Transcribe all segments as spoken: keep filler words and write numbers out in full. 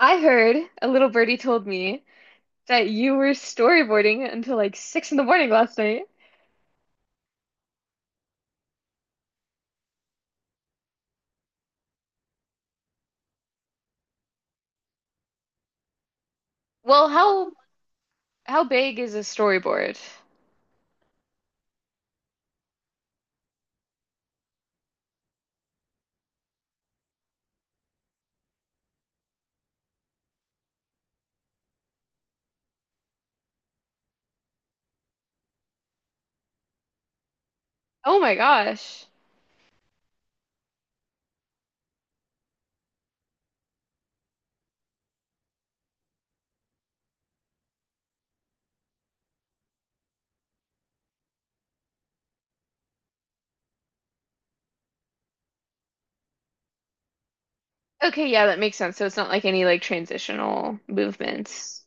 I heard a little birdie told me that you were storyboarding until like six in the morning last night. Well, how how big is a storyboard? Oh my gosh. Okay, yeah, that makes sense. So it's not like any like transitional movements.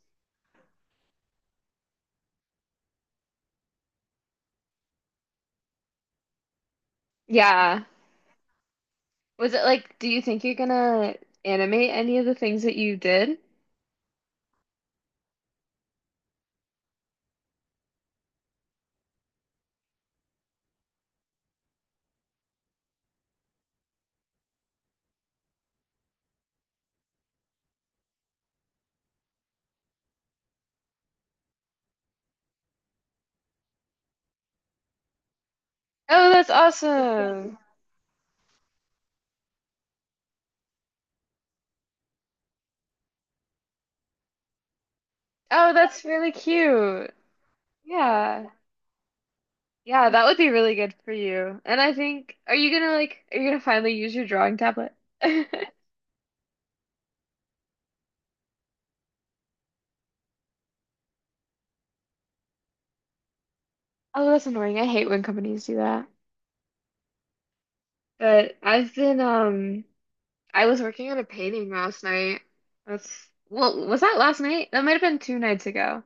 Yeah. Was it like, do you think you're gonna animate any of the things that you did? Oh, that's awesome. Oh, that's really cute. Yeah. Yeah, that would be really good for you. And I think, are you gonna like, are you gonna finally use your drawing tablet? Oh, that's annoying. I hate when companies do that. But I've been, um, I was working on a painting last night. That's, well, was that last night? That might have been two nights ago.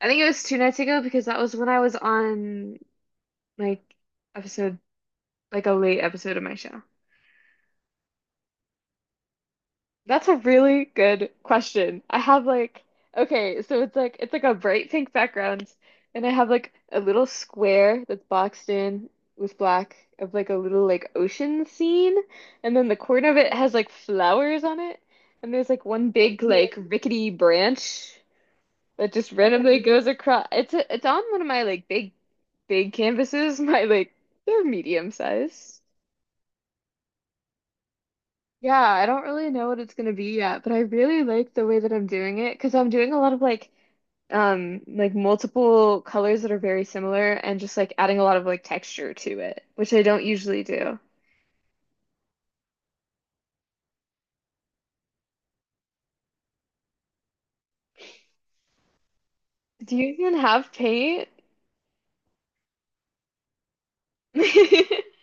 I think it was two nights ago because that was when I was on like episode, like a late episode of my show. That's a really good question. I have like okay, so it's like it's like a bright pink background, and I have like a little square that's boxed in with black of like a little like ocean scene, and then the corner of it has like flowers on it, and there's like one big like rickety branch that just randomly goes across. It's a, it's on one of my like big big canvases, my like they're medium size. Yeah, I don't really know what it's gonna be yet, but I really like the way that I'm doing it because I'm doing a lot of like um like multiple colors that are very similar and just like adding a lot of like texture to it, which I don't usually do. Do you even have paint?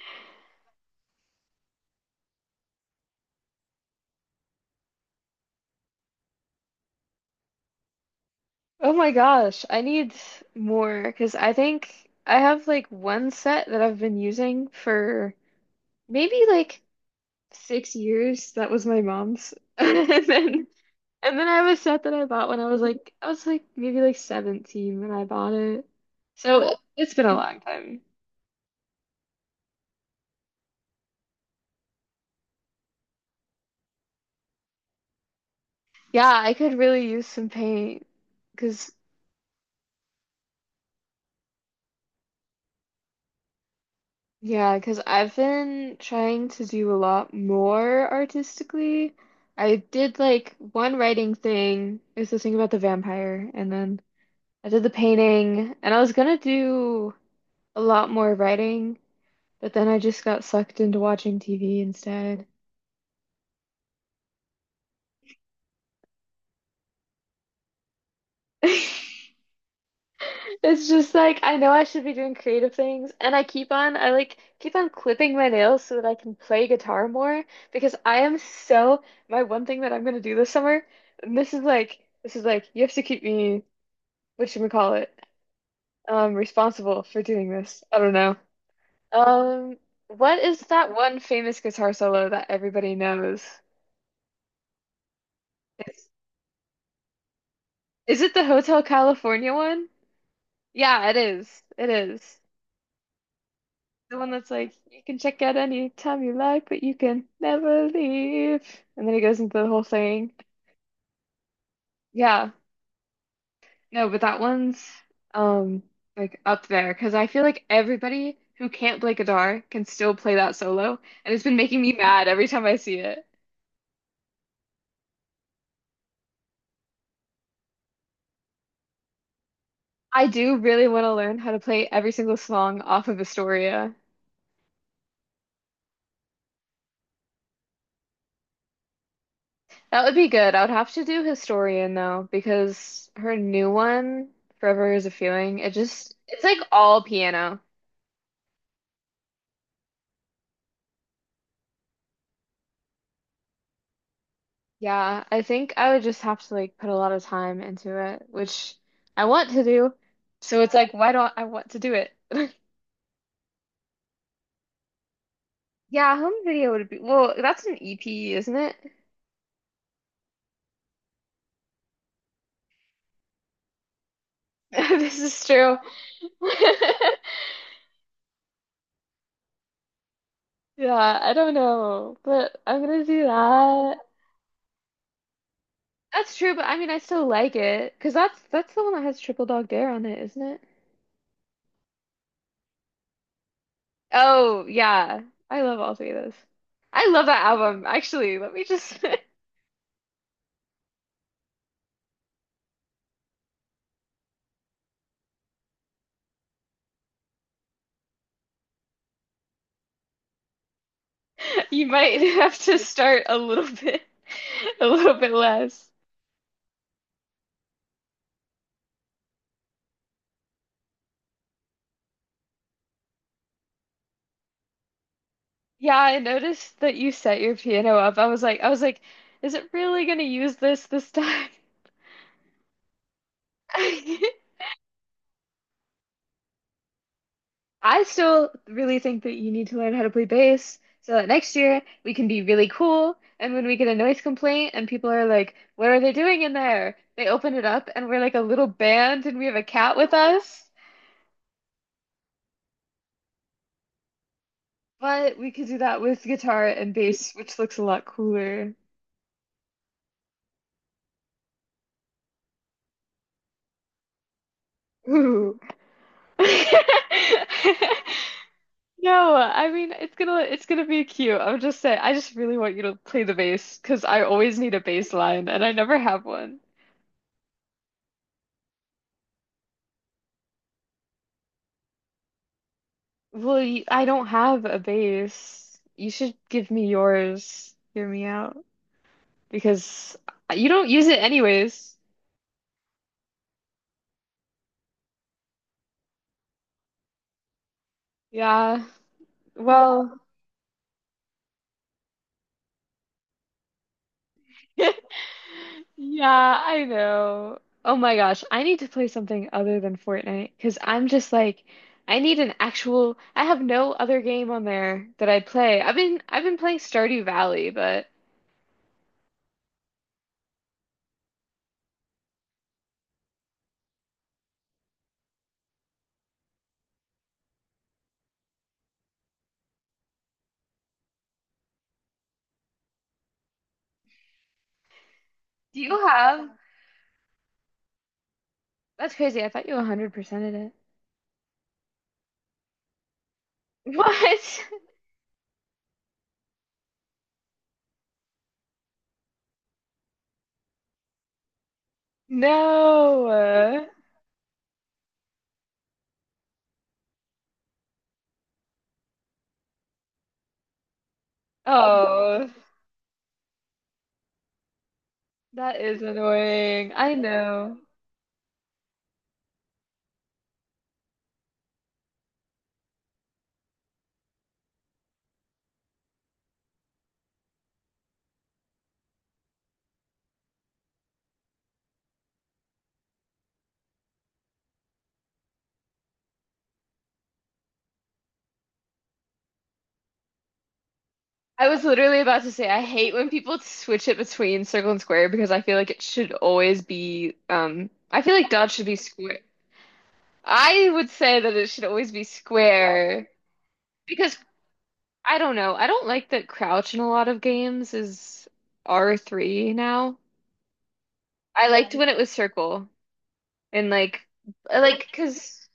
Oh my gosh, I need more because I think I have like one set that I've been using for maybe like six years. That was my mom's. And then and then I have a set that I bought when I was like I was like maybe like seventeen when I bought it. So it's been a long time. Yeah, I could really use some paint because yeah, because I've been trying to do a lot more artistically. I did like one writing thing. It was this thing about the vampire, and then I did the painting, and I was gonna do a lot more writing. But then I just got sucked into watching T V instead. It's just like I know I should be doing creative things, and I keep on I like keep on clipping my nails so that I can play guitar more because I am so my one thing that I'm gonna do this summer, and this is like this is like you have to keep me what should we call it um responsible for doing this. I don't know. Um what is that one famous guitar solo that everybody knows? It's, is it the Hotel California one? Yeah, it is. It is. The one that's like, you can check out any time you like, but you can never leave. And then he goes into the whole thing. Yeah. No, but that one's um like up there because I feel like everybody who can't play guitar can still play that solo. And it's been making me mad every time I see it. I do really want to learn how to play every single song off of Astoria. That would be good. I would have to do Historian though, because her new one, Forever is a Feeling, it just it's like all piano. Yeah, I think I would just have to like put a lot of time into it, which I want to do. So it's like, why don't I want to do it? Yeah, home video would be, well, that's an E P, isn't it? This is true. Yeah, I don't know, but I'm gonna do that. That's true, but I mean, I still like it because that's that's the one that has Triple Dog Dare on it, isn't it? Oh, yeah. I love all three of those. I love that album. Actually, let me just you might have to start a little bit a little bit less. Yeah, I noticed that you set your piano up. I was like I was like, is it really gonna use this this time? I still really think that you need to learn how to play bass so that next year we can be really cool. And when we get a noise complaint and people are like, what are they doing in there? They open it up and we're like a little band and we have a cat with us. But we could do that with guitar and bass, which looks a lot cooler. Ooh. No, I mean it's gonna it's gonna be cute. I'm just saying I just really want you to play the bass because I always need a bass line and I never have one. Well, y- I don't have a base. You should give me yours. Hear me out. Because you don't use it anyways. Yeah. Well, yeah, I know. Oh my gosh, I need to play something other than Fortnite because I'm just like, I need an actual, I have no other game on there that I play. I've been I've been playing Stardew Valley, but do you have? That's crazy. I thought you one hundred percent ed it. What? No. Oh, that is annoying. I know. I was literally about to say I hate when people switch it between circle and square because I feel like it should always be um I feel like dot should be square. I would say that it should always be square because I don't know. I don't like that crouch in a lot of games is R three now. I liked when it was circle and like I like because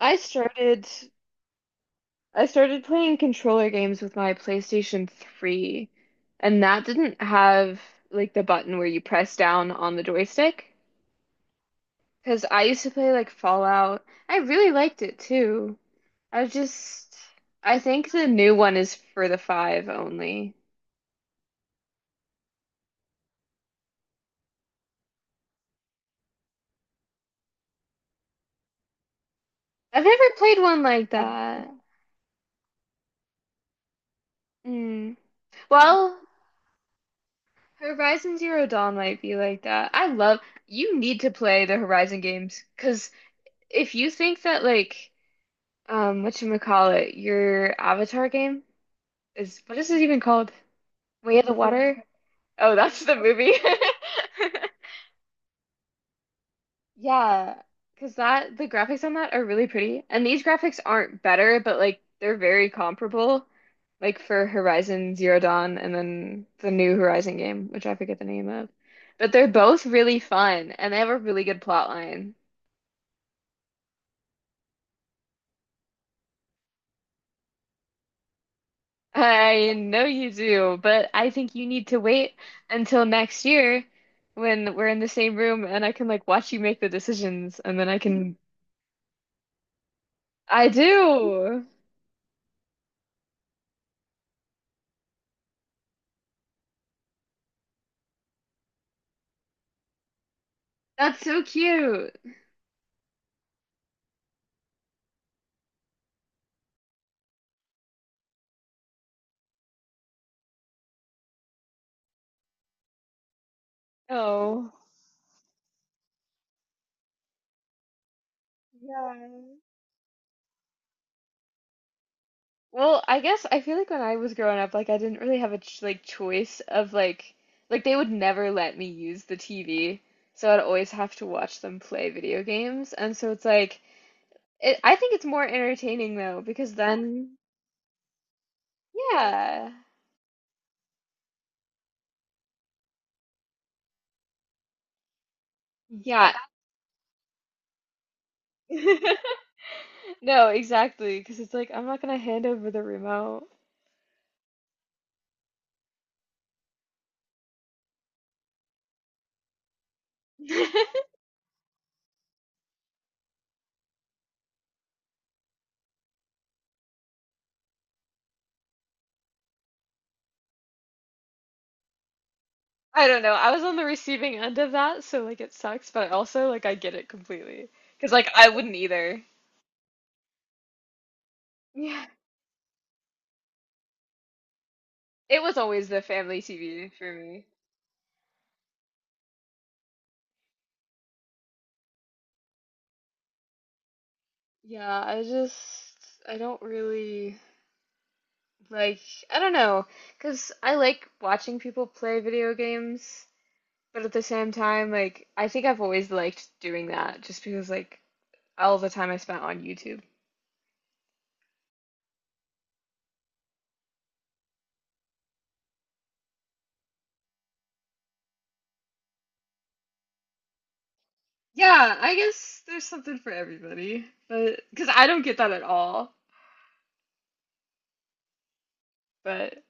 I started I started playing controller games with my PlayStation three, and that didn't have like the button where you press down on the joystick. Because I used to play like Fallout. I really liked it too. I just, I think the new one is for the five only. I've never played one like that. Mm. Well, Horizon Zero Dawn might be like that. I love, you need to play the Horizon games because if you think that like um whatchamacallit, your Avatar game is what is it even called? Way of the Water? Oh, that's the movie. Yeah, because that the graphics on that are really pretty. And these graphics aren't better, but like they're very comparable. Like for Horizon Zero Dawn and then the new Horizon game, which I forget the name of. But they're both really fun and they have a really good plot line. I know you do, but I think you need to wait until next year when we're in the same room and I can like watch you make the decisions and then I can. I do. That's so cute. Oh. Yeah. Well, I guess I feel like when I was growing up, like I didn't really have a ch like choice of like like they would never let me use the T V, so I'd always have to watch them play video games, and so it's like it, I think it's more entertaining though because then yeah. Yeah. No, exactly. Because it's like, I'm not going to hand over the remote. I don't know. I was on the receiving end of that, so like it sucks, but I also like I get it completely. Because like I wouldn't either. Yeah. It was always the family T V for me. Yeah, I just I don't really like I don't know, 'cause I like watching people play video games, but at the same time like I think I've always liked doing that just because like all the time I spent on YouTube. Yeah, I guess there's something for everybody, but because I don't get that at all, but